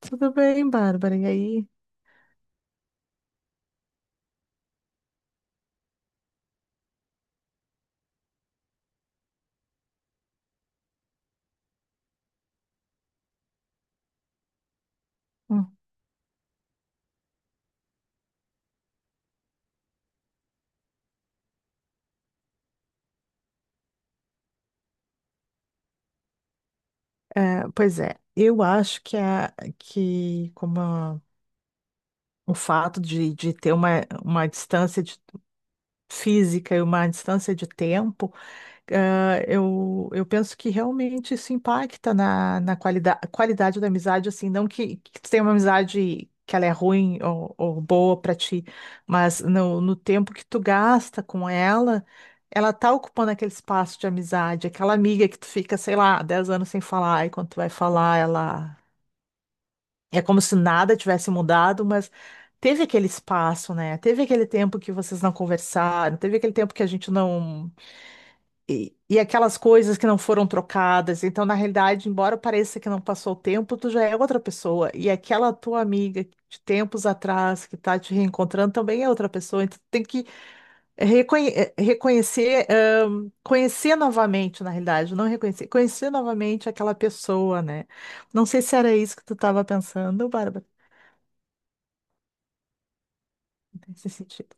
Tudo bem, Bárbara? E aí? Hum. É, pois é, eu acho que a, que como a- o fato de ter uma distância física e uma distância de tempo. Ah, eu penso que realmente isso impacta na qualidade da amizade, assim, não que tu tenha uma amizade que ela é ruim ou boa para ti, mas no tempo que tu gasta com ela, ela tá ocupando aquele espaço de amizade, aquela amiga que tu fica, sei lá, 10 anos sem falar, e quando tu vai falar, ela é como se nada tivesse mudado, mas teve aquele espaço, né? Teve aquele tempo que vocês não conversaram, teve aquele tempo que a gente não, e aquelas coisas que não foram trocadas. Então, na realidade, embora pareça que não passou o tempo, tu já é outra pessoa. E aquela tua amiga de tempos atrás que tá te reencontrando também é outra pessoa. Então, tu tem que reconhecer, conhecer novamente, na realidade, não reconhecer, conhecer novamente aquela pessoa, né? Não sei se era isso que tu estava pensando, Bárbara, nesse sentido.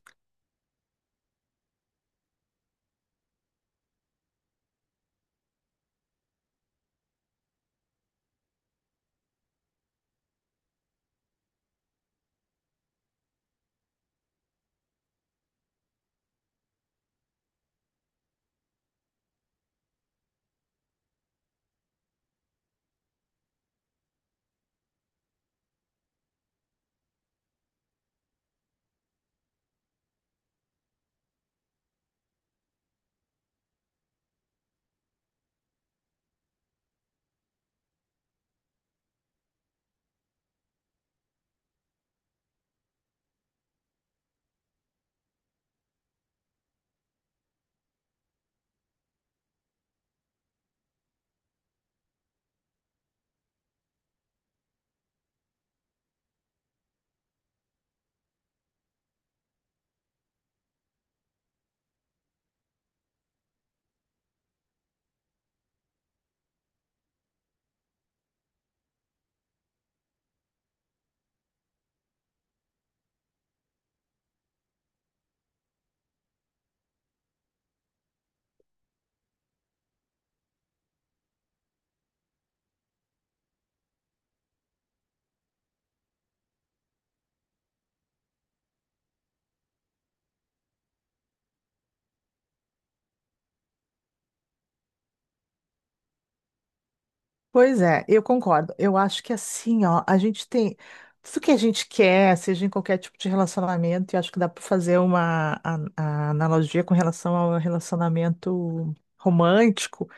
Pois é, eu concordo. Eu acho que assim, ó, a gente tem tudo que a gente quer, seja em qualquer tipo de relacionamento, e acho que dá para fazer a analogia com relação ao relacionamento romântico,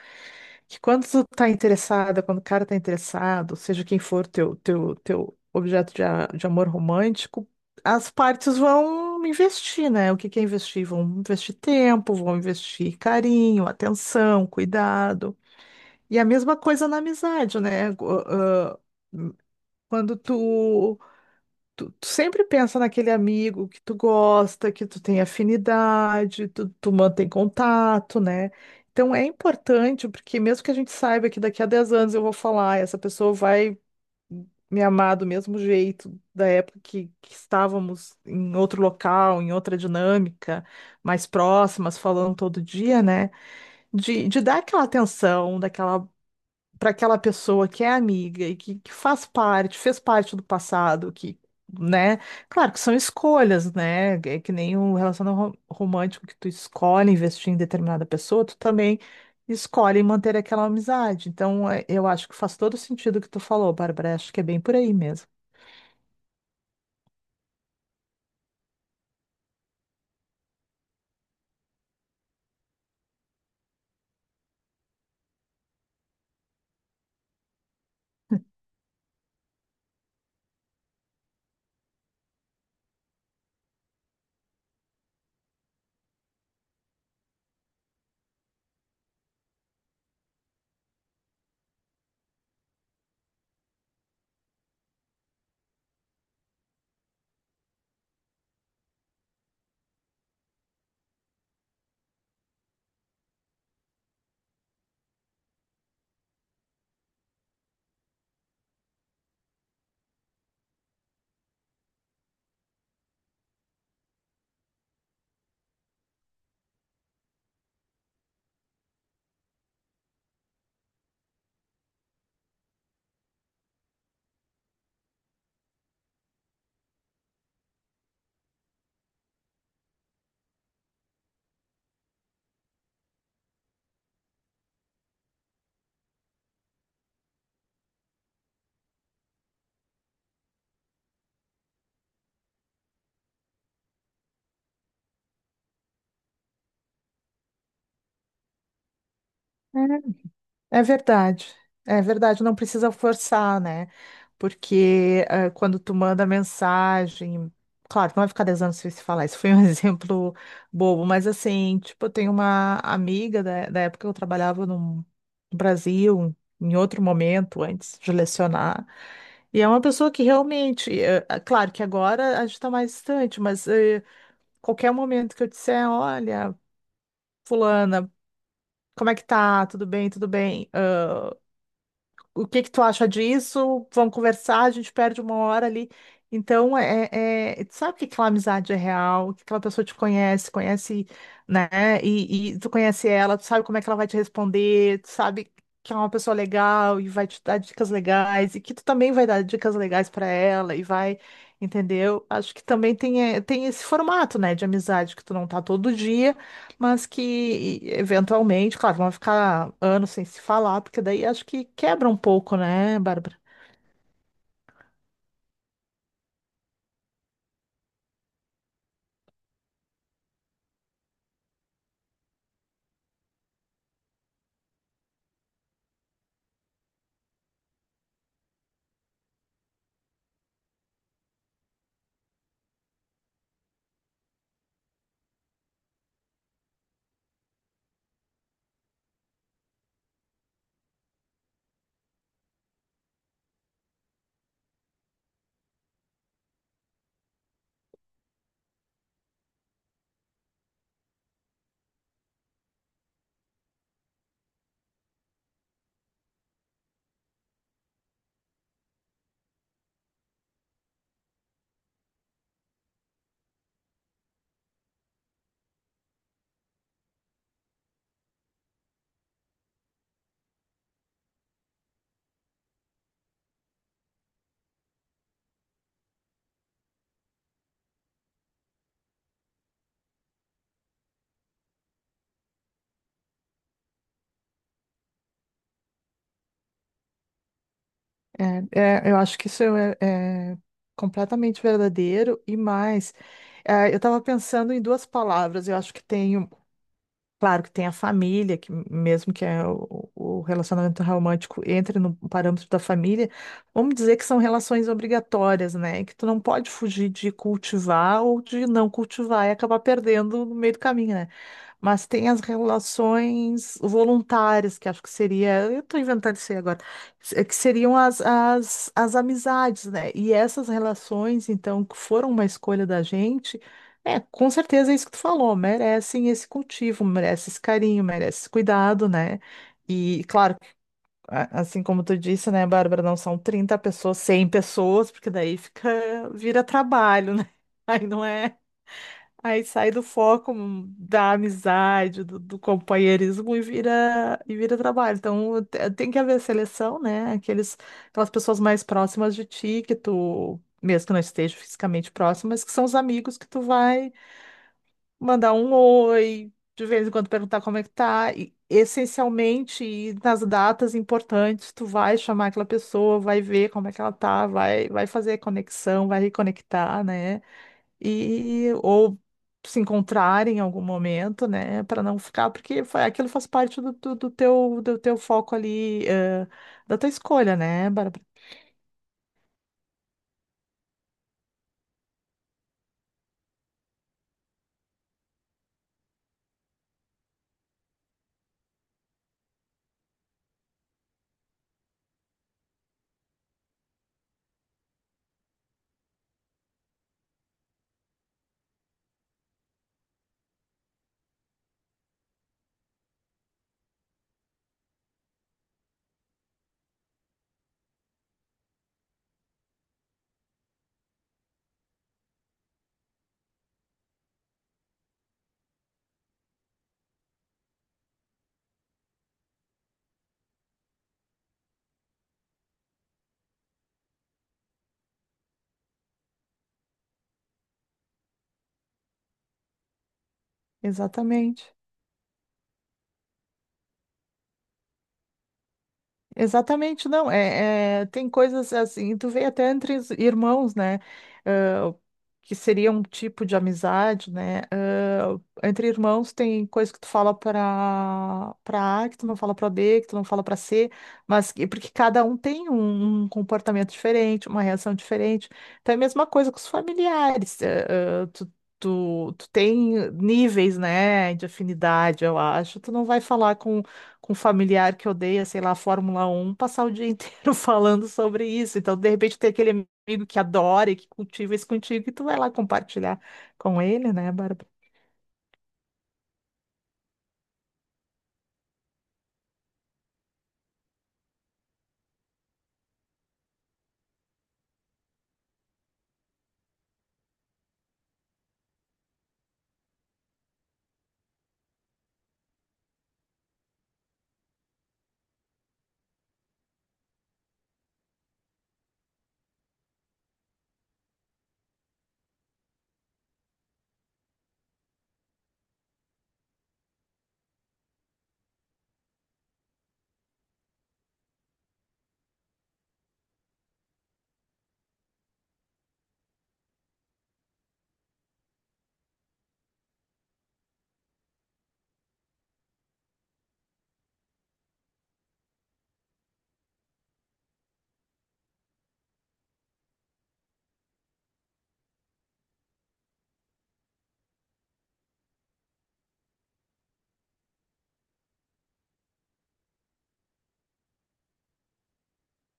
que quando tu tá interessada, quando o cara tá interessado, seja quem for teu objeto de amor romântico, as partes vão investir, né? O que que é investir? Vão investir tempo, vão investir carinho, atenção, cuidado. E a mesma coisa na amizade, né? Quando tu sempre pensa naquele amigo que tu gosta, que tu tem afinidade, tu mantém contato, né? Então é importante, porque mesmo que a gente saiba que daqui a 10 anos eu vou falar, essa pessoa vai me amar do mesmo jeito da época que estávamos em outro local, em outra dinâmica, mais próximas, falando todo dia, né? De dar aquela atenção, daquela para aquela pessoa que é amiga e que faz parte, fez parte do passado, que, né? Claro que são escolhas, né? É que nem um relacionamento romântico que tu escolhe investir em determinada pessoa, tu também escolhe manter aquela amizade. Então, é, eu acho que faz todo sentido o que tu falou, Bárbara. Acho que é bem por aí mesmo. É verdade, é verdade, não precisa forçar, né? Porque quando tu manda mensagem, claro, não vai ficar 10 anos sem se falar, isso foi um exemplo bobo, mas assim, tipo, eu tenho uma amiga da época que eu trabalhava no Brasil, em outro momento, antes de lecionar, e é uma pessoa que realmente, claro que agora a gente está mais distante, mas qualquer momento que eu disser, olha, fulana, como é que tá? Tudo bem, tudo bem? O que que tu acha disso? Vamos conversar, a gente perde uma hora ali. Então, tu sabe que aquela amizade é real, que aquela pessoa te conhece, conhece, né? E tu conhece ela, tu sabe como é que ela vai te responder, tu sabe que é uma pessoa legal e vai te dar dicas legais, e que tu também vai dar dicas legais para ela e vai, entendeu? Acho que também tem esse formato, né, de amizade, que tu não tá todo dia, mas que eventualmente, claro, vão ficar anos sem se falar, porque daí acho que quebra um pouco, né, Bárbara? É, é, eu acho que isso é completamente verdadeiro e mais. É, eu estava pensando em duas palavras, eu acho que tem. Claro que tem a família, que mesmo que é o relacionamento romântico entre no parâmetro da família, vamos dizer que são relações obrigatórias, né? Que tu não pode fugir de cultivar ou de não cultivar e acabar perdendo no meio do caminho, né? Mas tem as relações voluntárias, que acho que seria, eu estou inventando isso aí agora, que seriam as amizades, né? E essas relações, então, que foram uma escolha da gente. É, com certeza é isso que tu falou. Merecem esse cultivo, merece esse carinho, merece esse cuidado, né? E claro, assim como tu disse, né, Bárbara, não são 30 pessoas, 100 pessoas, porque daí fica, vira trabalho, né? Aí não é, aí sai do foco da amizade, do companheirismo e vira trabalho. Então tem que haver seleção, né? Aquelas pessoas mais próximas de ti que tu mesmo que não esteja fisicamente próximo, mas que são os amigos que tu vai mandar um oi, de vez em quando perguntar como é que tá. E, essencialmente, nas datas importantes, tu vai chamar aquela pessoa, vai ver como é que ela tá, vai fazer a conexão, vai reconectar, né? E ou se encontrar em algum momento, né? Para não ficar, porque aquilo faz parte do teu foco ali, da tua escolha, né, Bárbara? Exatamente. Exatamente, não. É, tem coisas assim, tu vê até entre os irmãos, né? ah, que seria um tipo de amizade, né? Entre irmãos tem coisa que tu fala para A, que tu não fala para B, que tu não fala para C, porque cada um tem um comportamento diferente, uma reação diferente. Então é a mesma coisa com os familiares. Tu tem níveis, né, de afinidade, eu acho. Tu não vai falar com um familiar que odeia, sei lá, Fórmula 1, passar o dia inteiro falando sobre isso. Então, de repente, tem aquele amigo que adora e que cultiva isso contigo, e tu vai lá compartilhar com ele, né, Bárbara?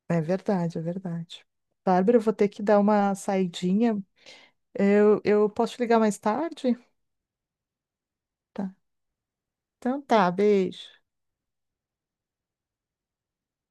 É verdade, é verdade. Bárbara, eu vou ter que dar uma saidinha. Eu posso te ligar mais tarde? Tá. Então tá, beijo.